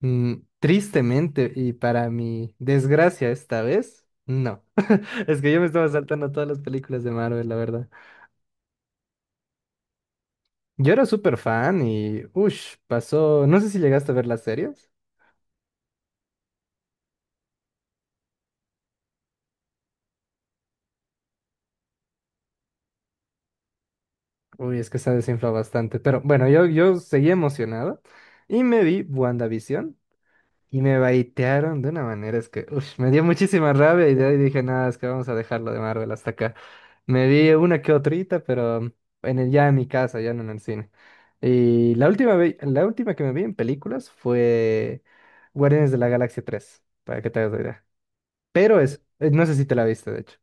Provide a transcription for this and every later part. Tristemente, y para mi desgracia esta vez, no. Es que yo me estaba saltando todas las películas de Marvel, la verdad. Yo era súper fan y, uff, pasó. No sé si llegaste a ver las series. Uy, es que se ha desinflado bastante. Pero bueno, yo seguí emocionado y me vi WandaVision. Y me baitearon de una manera, es que ush, me dio muchísima rabia y de ahí dije, nada, es que vamos a dejarlo de Marvel hasta acá. Me vi una que otrita, pero en ya en mi casa, ya no en el cine. Y la última, la última que me vi en películas fue Guardianes de la Galaxia 3 para que te hagas la idea. Pero es, no sé si te la viste, de hecho.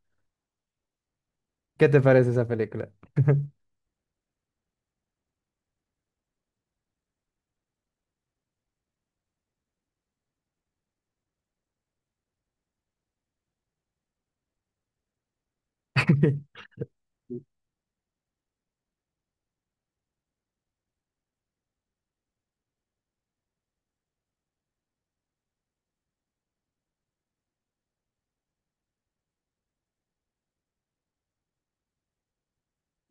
¿Qué te parece esa película?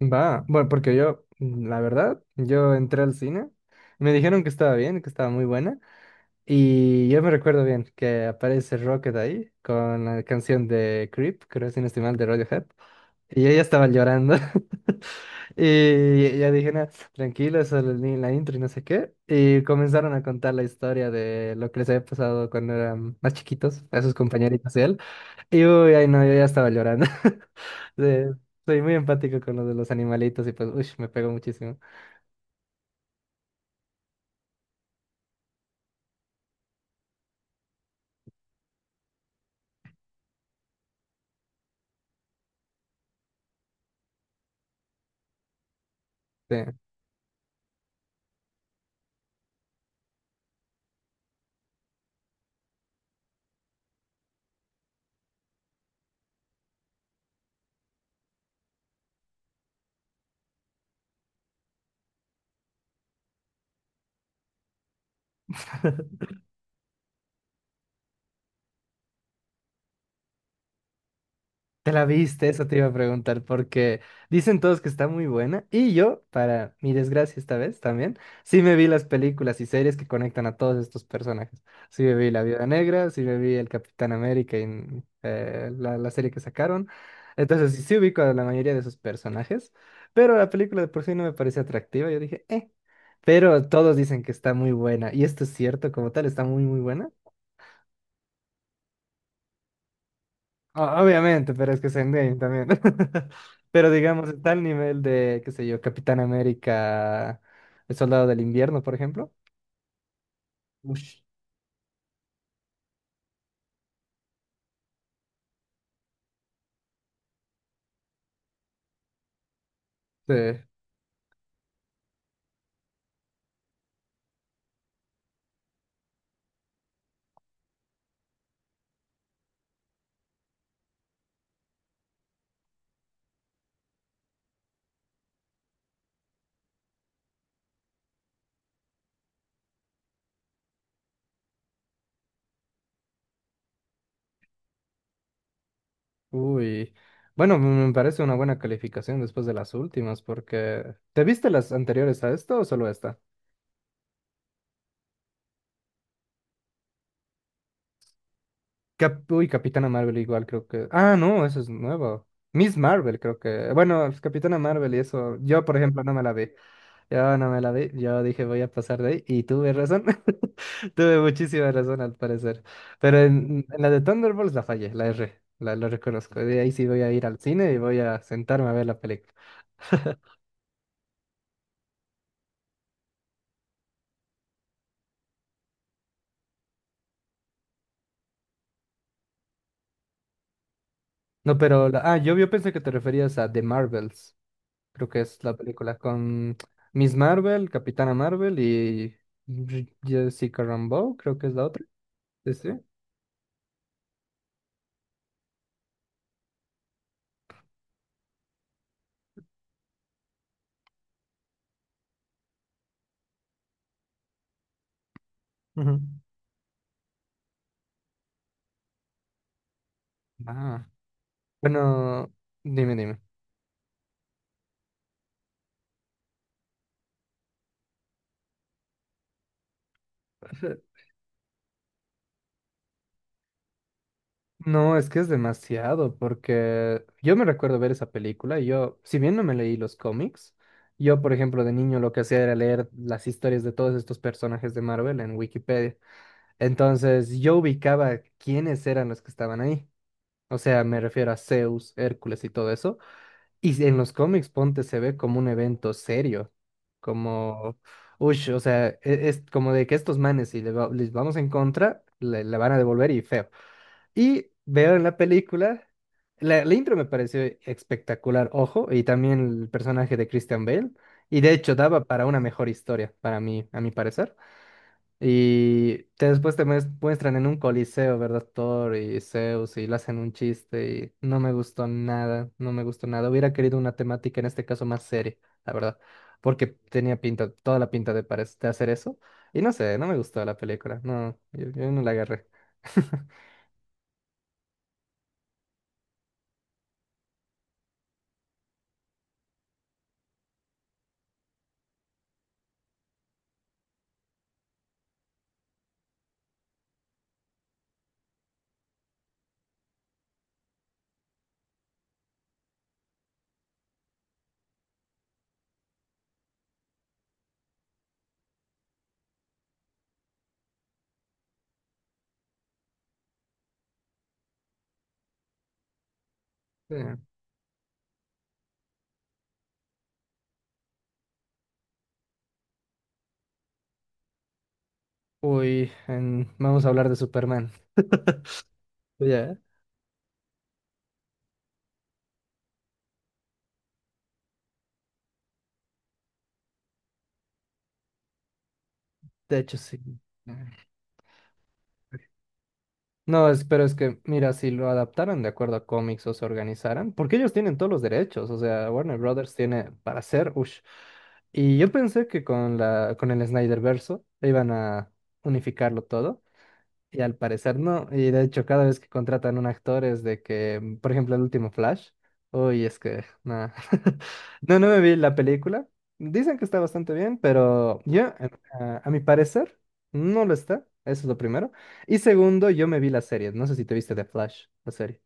Va, bueno, porque yo, la verdad, yo entré al cine, me dijeron que estaba bien, que estaba muy buena. Y yo me recuerdo bien que aparece Rocket ahí con la canción de Creep, creo si no estoy mal, de Radiohead. Y yo ya estaba llorando. Y ya dije, no, tranquilo, solo el la intro y no sé qué. Y comenzaron a contar la historia de lo que les había pasado cuando eran más chiquitos, a sus compañeritos y él. Y uy, ay no, yo ya estaba llorando. Sí, soy muy empático con lo de los animalitos y pues, uy, me pegó muchísimo. Sí. ¿Te la viste? Eso te iba a preguntar porque dicen todos que está muy buena y yo, para mi desgracia esta vez también, sí me vi las películas y series que conectan a todos estos personajes. Sí me vi La Viuda Negra, sí me vi El Capitán América en la serie que sacaron. Entonces sí, sí ubico a la mayoría de esos personajes, pero la película de por sí no me parece atractiva. Yo dije, pero todos dicen que está muy buena y esto es cierto, como tal, está muy, muy buena. Obviamente, pero es que es Endgame también. Pero digamos, está al nivel de, qué sé yo, Capitán América, El Soldado del Invierno, por ejemplo. Ush. Sí. Uy. Bueno, me parece una buena calificación después de las últimas, porque... ¿Te viste las anteriores a esto o solo esta? Uy, Capitana Marvel igual creo que... Ah, no, eso es nuevo. Miss Marvel creo que... Bueno, Capitana Marvel y eso, yo por ejemplo no me la vi. Yo no me la vi, yo dije voy a pasar de ahí y tuve razón, tuve muchísima razón al parecer, pero en la de Thunderbolts la fallé, la R, la, lo reconozco, de ahí sí voy a ir al cine y voy a sentarme a ver la película. No, pero, ah, yo pensé que te referías a The Marvels, creo que es la película con Miss Marvel, Capitana Marvel y Jessica Rambeau, creo que es la otra, sí, sí. Ujú. Ah, bueno, dime, dime. No, es que es demasiado, porque yo me recuerdo ver esa película y yo, si bien no me leí los cómics, yo, por ejemplo, de niño lo que hacía era leer las historias de todos estos personajes de Marvel en Wikipedia. Entonces, yo ubicaba quiénes eran los que estaban ahí. O sea, me refiero a Zeus, Hércules y todo eso. Y si en los cómics, ponte, se ve como un evento serio, como, ush, o sea, es, como de que estos manes, si les vamos en contra, le van a devolver y feo. Y veo en la película, la intro me pareció espectacular, ojo, y también el personaje de Christian Bale, y de hecho daba para una mejor historia, para mí, a mi parecer. Y después te muestran en un coliseo, ¿verdad? Thor y Zeus, y le hacen un chiste, y no me gustó nada, no me gustó nada. Hubiera querido una temática, en este caso, más seria, la verdad, porque tenía pinta, toda la pinta de, de hacer eso, y no sé, no me gustó la película, no, yo no la agarré. Uy, vamos a hablar de Superman. Ya, de hecho sí. No, pero es que, mira, si lo adaptaran de acuerdo a cómics o se organizaran, porque ellos tienen todos los derechos, o sea, Warner Brothers tiene para hacer, ush. Y yo pensé que con con el Snyder verso iban a unificarlo todo. Y al parecer no. Y de hecho, cada vez que contratan un actor es de que, mm, por ejemplo, el último Flash. Uy, es que, nada. No, no me vi la película. Dicen que está bastante bien, pero yo, a mi parecer, no lo está. Eso es lo primero. Y segundo, yo me vi la serie. No sé si te viste The Flash, la serie.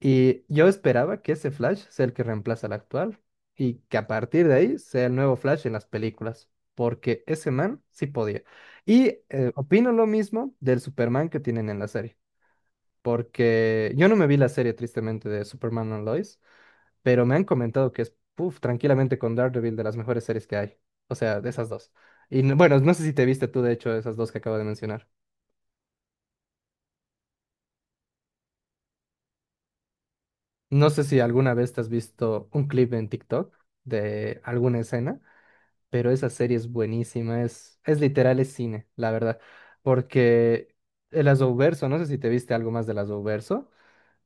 Y yo esperaba que ese Flash sea el que reemplaza al actual y que a partir de ahí sea el nuevo Flash en las películas, porque ese man sí podía. Y opino lo mismo del Superman que tienen en la serie, porque yo no me vi la serie tristemente de Superman and Lois, pero me han comentado que es, puf, tranquilamente con Daredevil de las mejores series que hay, o sea, de esas dos. Y bueno, no sé si te viste tú de hecho esas dos que acabo de mencionar. No sé si alguna vez te has visto un clip en TikTok de alguna escena pero esa serie es buenísima, es literal, es cine, la verdad, porque el Azowverso, no sé si te viste algo más del Azowverso,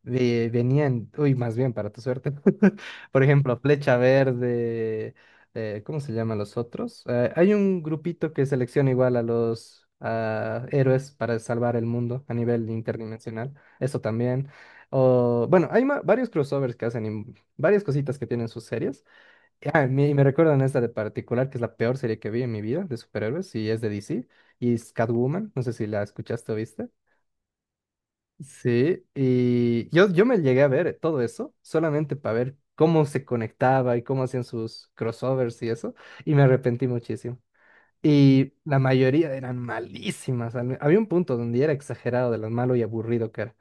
venían, uy, más bien para tu suerte, por ejemplo, Flecha Verde, ¿cómo se llaman los otros? Hay un grupito que selecciona igual a los ah, héroes para salvar el mundo a nivel interdimensional, eso también, o, bueno, hay varios crossovers que hacen, y varias cositas que tienen sus series. Ah, y me recuerdan esta de particular, que es la peor serie que vi en mi vida de superhéroes, y es de DC, y es Catwoman, no sé si la escuchaste o viste. Sí, y yo me llegué a ver todo eso solamente para ver cómo se conectaba y cómo hacían sus crossovers y eso, y me arrepentí muchísimo. Y la mayoría eran malísimas, había un punto donde era exagerado de lo malo y aburrido que era.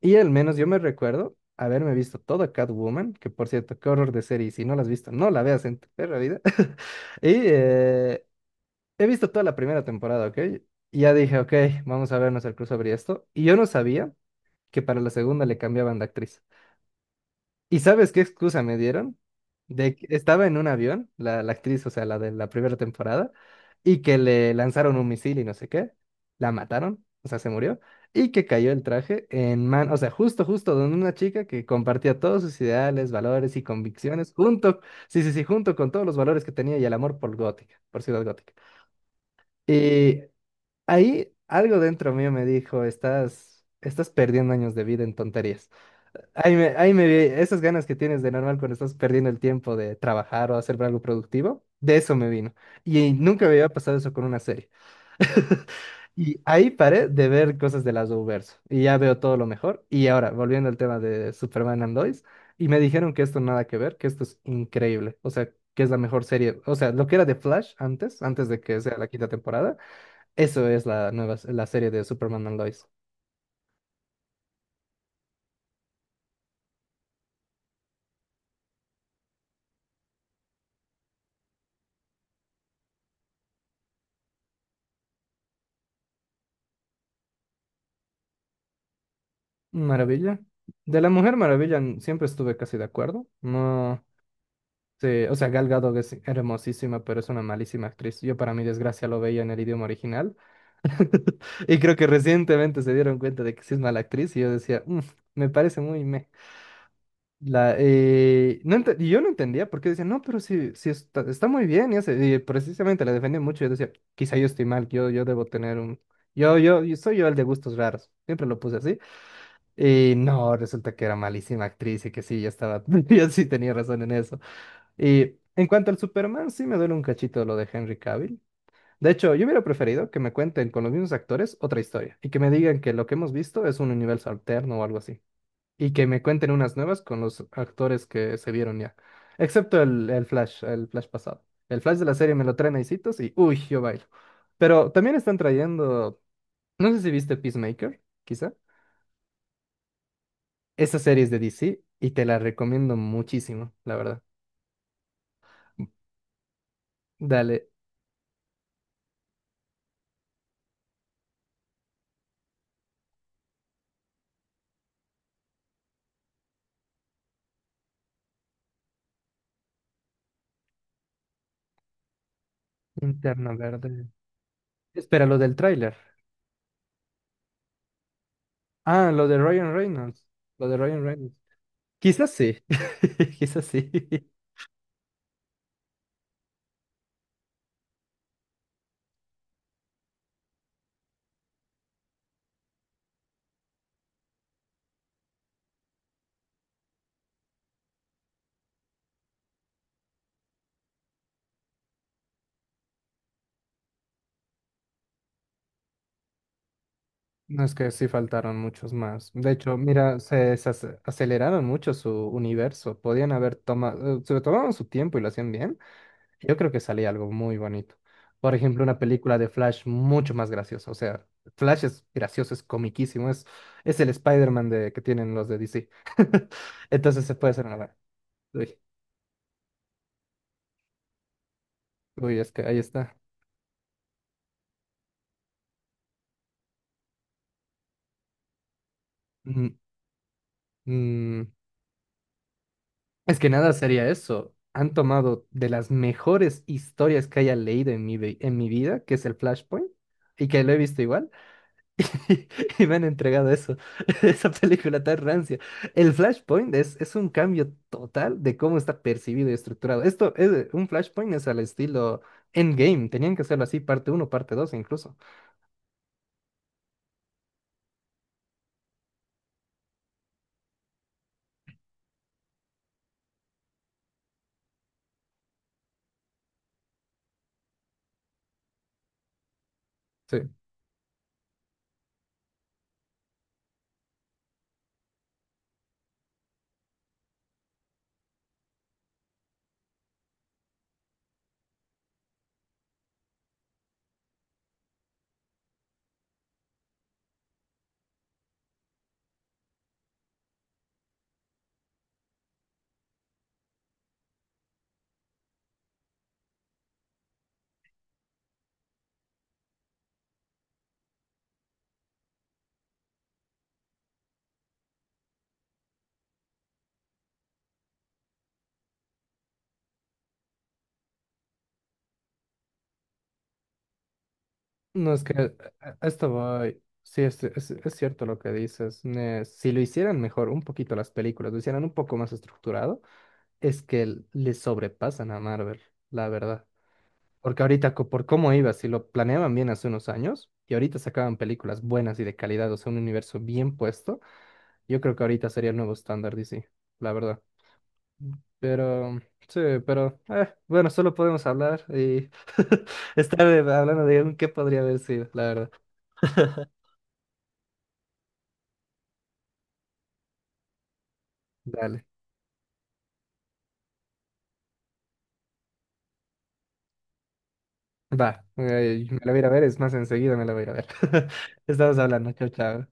Y al menos yo me recuerdo haberme visto toda Catwoman, que por cierto, qué horror de serie, y si no la has visto, no la veas en tu perra vida. Y he visto toda la primera temporada, ¿ok? Y ya dije, ok, vamos a vernos el crossover y esto. Y yo no sabía que para la segunda le cambiaban de actriz. ¿Y sabes qué excusa me dieron? De que estaba en un avión, la actriz, o sea, la de la primera temporada, y que le lanzaron un misil y no sé qué, la mataron, o sea, se murió, y que cayó el traje en man, o sea, justo, justo donde una chica que compartía todos sus ideales, valores y convicciones, junto, sí, sí, sí, junto con todos los valores que tenía y el amor por Gótica, por Ciudad Gótica. Y ahí algo dentro mío me dijo, estás, estás perdiendo años de vida en tonterías. Ahí me vi esas ganas que tienes de normal cuando estás perdiendo el tiempo de trabajar o hacer algo productivo, de eso me vino. Y nunca me había pasado eso con una serie. Y ahí paré de ver cosas de las Arrowverse y ya veo todo lo mejor. Y ahora, volviendo al tema de Superman and Lois, y me dijeron que esto nada que ver, que esto es increíble. O sea, que es la mejor serie. O sea, lo que era de Flash antes, antes de que sea la quinta temporada, eso es la nueva, la serie de Superman and Lois. Maravilla. De la Mujer Maravilla siempre estuve casi de acuerdo. No. Sí, o sea, Gal Gadot es hermosísima, pero es una malísima actriz. Yo, para mi desgracia, lo veía en el idioma original. Y creo que recientemente se dieron cuenta de que sí es mala actriz. Y yo decía, "Mm, me parece muy meh". No y yo no entendía por qué decía, no, pero sí, sí está, está muy bien. Y, y precisamente la defendía mucho. Yo decía, quizá yo estoy mal, yo debo tener un. Yo soy yo el de gustos raros. Siempre lo puse así. Y no, resulta que era malísima actriz y que sí, ya estaba. Yo sí tenía razón en eso. Y en cuanto al Superman, sí me duele un cachito lo de Henry Cavill. De hecho, yo hubiera preferido que me cuenten con los mismos actores otra historia y que me digan que lo que hemos visto es un universo alterno o algo así. Y que me cuenten unas nuevas con los actores que se vieron ya. Excepto el Flash pasado. El Flash de la serie me lo traen a y uy, yo bailo. Pero también están trayendo, no sé si viste Peacemaker, quizá. Esa serie es de DC y te la recomiendo muchísimo, la verdad. Dale, Interna Verde. Espera, lo del tráiler. Ah, lo de Ryan Reynolds. Lo de Ryan Reynolds. Quizás sí. Quizás sí. No es que sí faltaron muchos más. De hecho, mira, se aceleraron mucho su universo. Podían haber tomado, se tomaban su tiempo y lo hacían bien. Yo creo que salía algo muy bonito. Por ejemplo, una película de Flash mucho más graciosa. O sea, Flash es gracioso, es comiquísimo. Es el Spider-Man de, que tienen los de DC. Entonces se puede hacer una buena. Uy, es que ahí está. Mm, es que nada sería eso. Han tomado de las mejores historias que haya leído en mi, en mi vida, que es el Flashpoint, y que lo he visto igual, y, y me han entregado eso, esa película tan rancia. El Flashpoint es un cambio total de cómo está percibido y estructurado. Esto es un Flashpoint es al estilo Endgame, tenían que hacerlo así, parte uno parte 2 incluso. Sí. No, es que a esto voy. Sí, es cierto lo que dices. Ne- Si lo hicieran mejor un poquito las películas, lo hicieran un poco más estructurado, es que le sobrepasan a Marvel, la verdad. Porque ahorita, por cómo iba, si lo planeaban bien hace unos años y ahorita sacaban películas buenas y de calidad, o sea, un universo bien puesto, yo creo que ahorita sería el nuevo estándar DC, la verdad. Pero, sí, pero, bueno, solo podemos hablar y estar hablando de un qué podría haber sido, la verdad. Dale. Va, me la voy a ir a ver, es más, enseguida me la voy a ir a ver. Estamos hablando, chao, chao.